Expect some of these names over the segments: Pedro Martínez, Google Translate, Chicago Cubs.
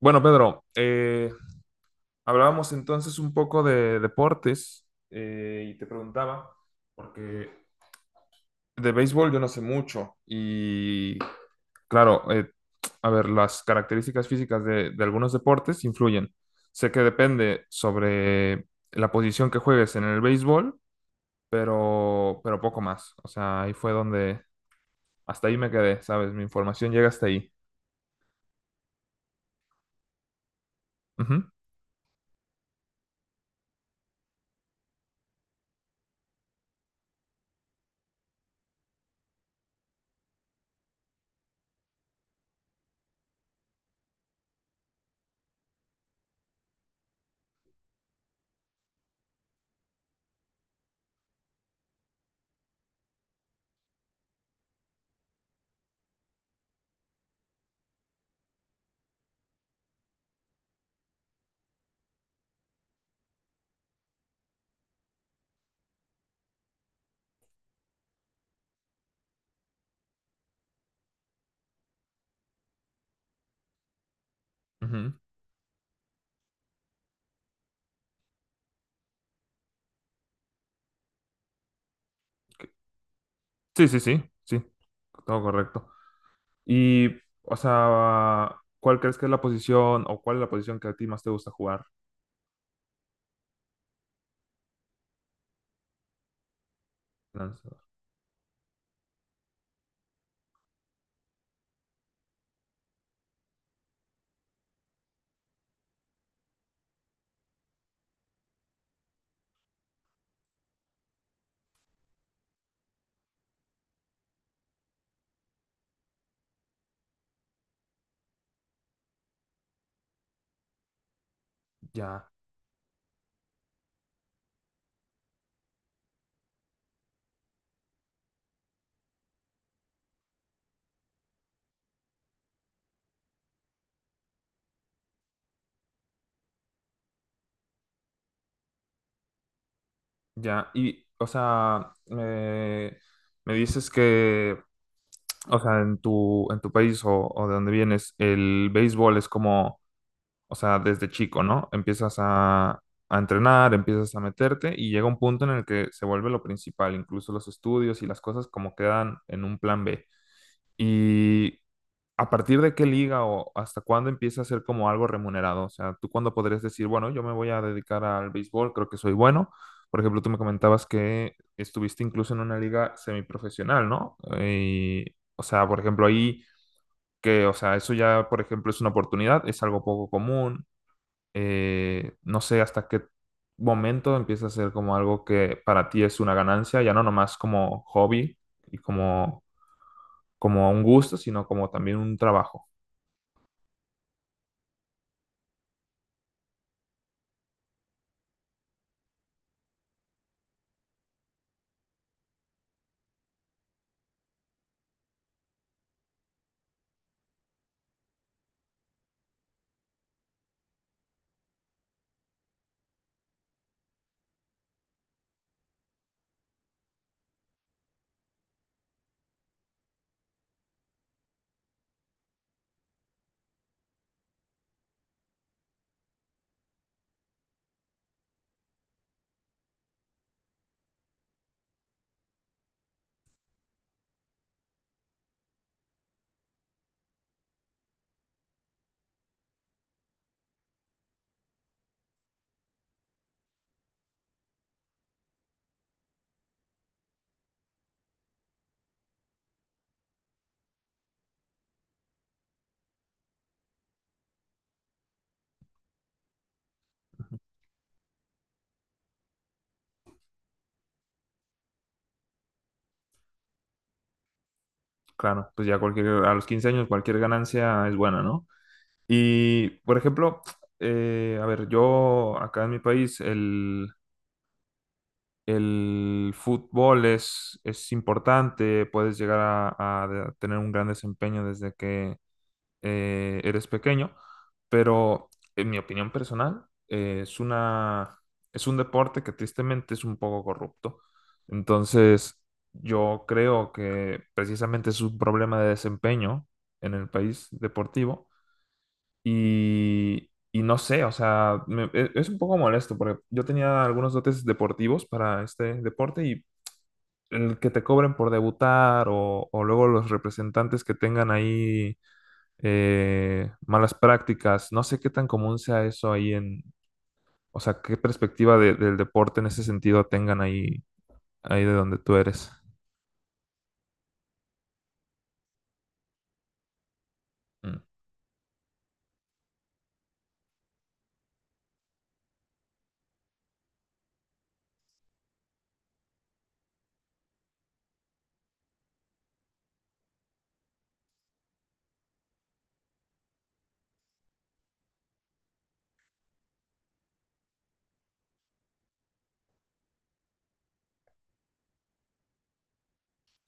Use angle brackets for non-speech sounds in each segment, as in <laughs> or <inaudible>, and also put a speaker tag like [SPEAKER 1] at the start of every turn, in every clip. [SPEAKER 1] Bueno, Pedro, hablábamos entonces un poco de deportes y te preguntaba, porque de béisbol yo no sé mucho y claro, a ver, las características físicas de algunos deportes influyen. Sé que depende sobre la posición que juegues en el béisbol, pero poco más. O sea, ahí fue donde, hasta ahí me quedé, ¿sabes? Mi información llega hasta ahí. Ujú, ujú. Sí, sí, sí, sí, todo correcto. Y, o sea, ¿cuál crees que es la posición o cuál es la posición que a ti más te gusta jugar? Lanzador. Ya, ya. Y, o sea, me dices que, o sea, en tu país o de donde vienes, el béisbol es como, o sea, desde chico, ¿no? Empiezas a entrenar, empiezas a meterte y llega un punto en el que se vuelve lo principal, incluso los estudios y las cosas como quedan en un plan B. Y ¿a partir de qué liga o hasta cuándo empieza a ser como algo remunerado? O sea, ¿tú cuándo podrías decir, bueno, yo me voy a dedicar al béisbol, creo que soy bueno? Por ejemplo, tú me comentabas que estuviste incluso en una liga semiprofesional, ¿no? Y, o sea, por ejemplo, ahí que, o sea, eso ya, por ejemplo, es una oportunidad, es algo poco común. No sé hasta qué momento empieza a ser como algo que para ti es una ganancia, ya no nomás como hobby y como, como un gusto, sino como también un trabajo. Claro, pues ya cualquier, a los 15 años cualquier ganancia es buena, ¿no? Y, por ejemplo, a ver, yo acá en mi país el fútbol es importante, puedes llegar a de- tener un gran desempeño desde que eres pequeño, pero en mi opinión personal es una, es un deporte que tristemente es un poco corrupto. Entonces, yo creo que precisamente es un problema de desempeño en el país deportivo y no sé, o sea, me- e- es un poco molesto porque yo tenía algunos dotes deportivos para este deporte y... El que te cobren por debutar o luego los representantes que tengan ahí malas prácticas. No sé qué tan común sea eso ahí en, o sea, qué perspectiva de- del deporte en ese sentido tengan ahí, ahí de donde tú eres. Mm,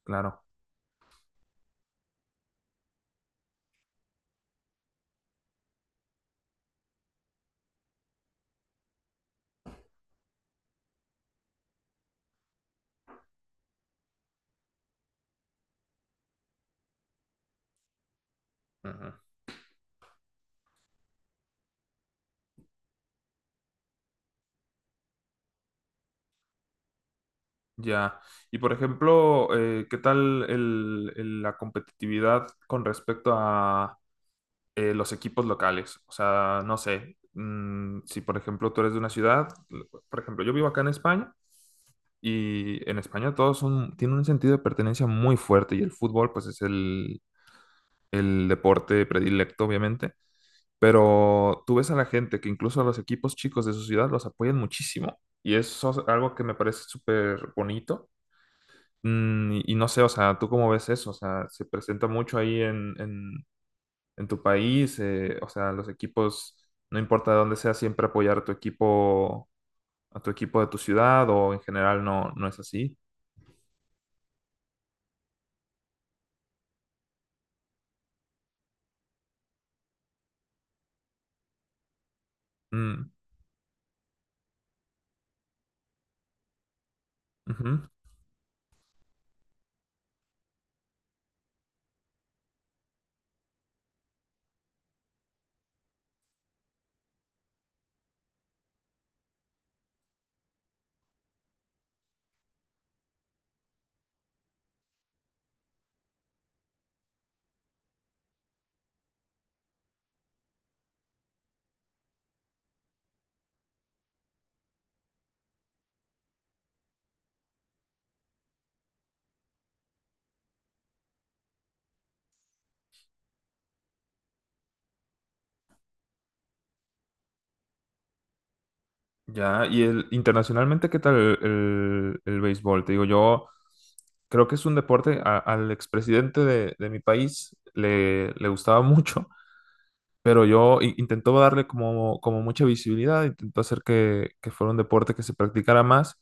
[SPEAKER 1] claro. Ujú. Ya. Y por ejemplo, ¿qué tal el- la competitividad con respecto a los equipos locales? O sea, no sé, mm, si por ejemplo tú eres de una ciudad, por ejemplo, yo vivo acá en España. Y en España todos son, tienen un sentido de pertenencia muy fuerte y el fútbol pues es el deporte predilecto, obviamente, pero tú ves a la gente que incluso a los equipos chicos de su ciudad los apoyan muchísimo y eso es algo que me parece súper bonito. Mm, y no sé, o sea, ¿tú cómo ves eso? O sea, ¿se presenta mucho ahí en tu país? O sea, los equipos, no importa de dónde sea, siempre apoyar a tu equipo de tu ciudad o en general no, no es así. Mm, ujú. Ya, y el, internacionalmente, ¿qué tal el béisbol? Te digo, yo creo que es un deporte, a- al expresidente de mi país le, le gustaba <laughs> mucho, pero yo i- intentó darle como, como mucha visibilidad, intentó hacer que fuera un deporte que se practicara más.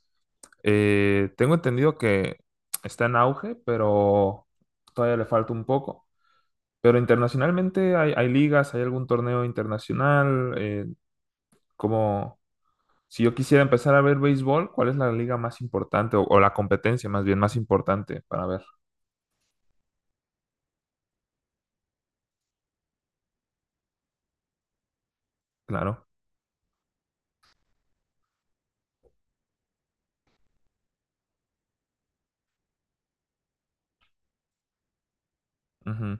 [SPEAKER 1] Tengo entendido que está en auge, pero todavía le falta un poco. Pero internacionalmente hay, hay ligas, hay algún torneo internacional, como si yo quisiera empezar a ver béisbol, ¿cuál es la liga más importante o la competencia más bien más importante para ver? Claro. Ujú.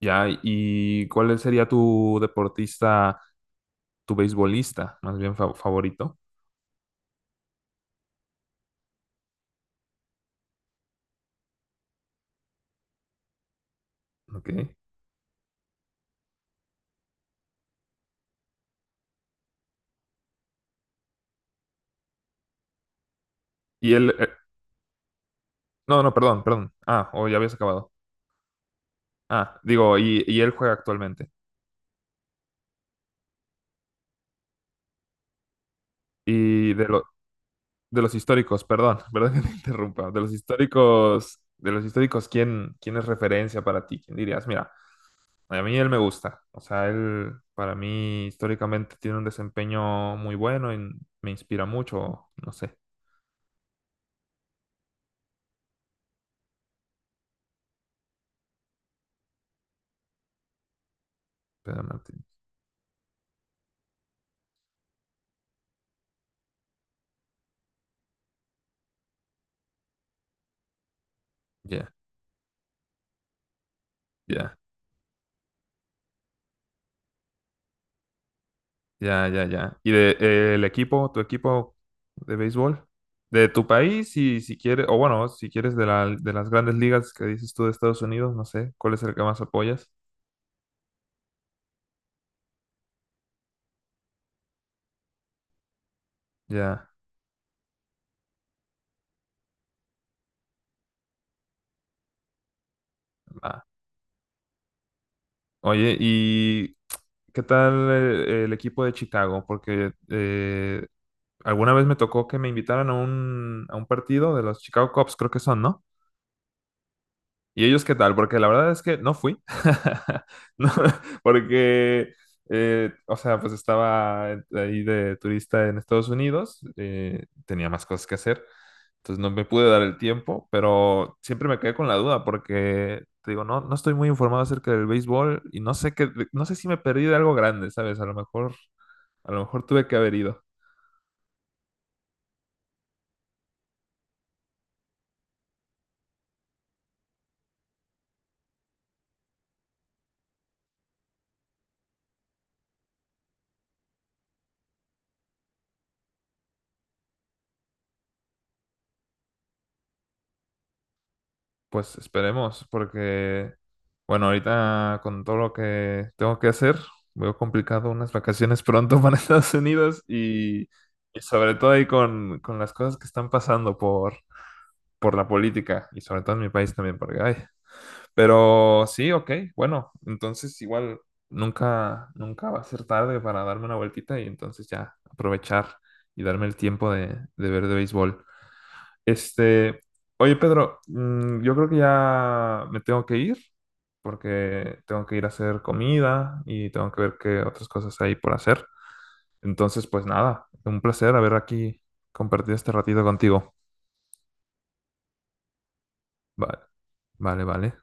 [SPEAKER 1] Ya, ¿y cuál sería tu deportista, tu beisbolista más bien fa- favorito? Ok. Y él, no, no, perdón, perdón. Ah, o ya habías acabado. Ah, digo, y él juega actualmente. Y de, lo- de los históricos, perdón, <laughs> perdón que te interrumpa. De los históricos, ¿quién, quién es referencia para ti? ¿Quién dirías? Mira, a mí él me gusta. O sea, él para mí históricamente tiene un desempeño muy bueno y me inspira mucho. No sé. Pedro Martínez. Ya, ya, ya, ya, ya. ¿Y de, el equipo, tu equipo de béisbol? De tu país, y si quieres, o bueno, si quieres de, la, de las grandes ligas que dices tú de Estados Unidos, no sé, ¿cuál es el que más apoyas? Ya. Ah, oye, ¿y qué tal el, equipo de Chicago? Porque alguna vez me tocó que me invitaran a un partido de los Chicago Cubs, creo que son, ¿no? ¿Y ellos qué tal? Porque la verdad es que no fui. <laughs> No, porque, o sea, pues estaba ahí de turista en Estados Unidos, tenía más cosas que hacer, entonces no me pude dar el tiempo, pero siempre me quedé con la duda porque, te digo, no, no estoy muy informado acerca del béisbol y no sé qué, no sé si me perdí de algo grande, ¿sabes? A lo mejor tuve que haber ido. Pues esperemos, porque, bueno, ahorita con todo lo que tengo que hacer, veo complicado unas vacaciones pronto <laughs> para Estados Unidos y sobre todo ahí con las cosas que están pasando por la política y sobre todo en mi país también, porque hay. Pero sí, ok, bueno, entonces igual nunca, nunca va a ser tarde para darme una vueltita y entonces ya aprovechar y darme el tiempo de ver de béisbol. Este, oye Pedro, mm, yo creo que ya me tengo que ir porque tengo que ir a hacer comida y tengo que ver qué otras cosas hay por hacer. Entonces, pues nada, un placer haber aquí compartido este ratito contigo. Vale, vale, vale.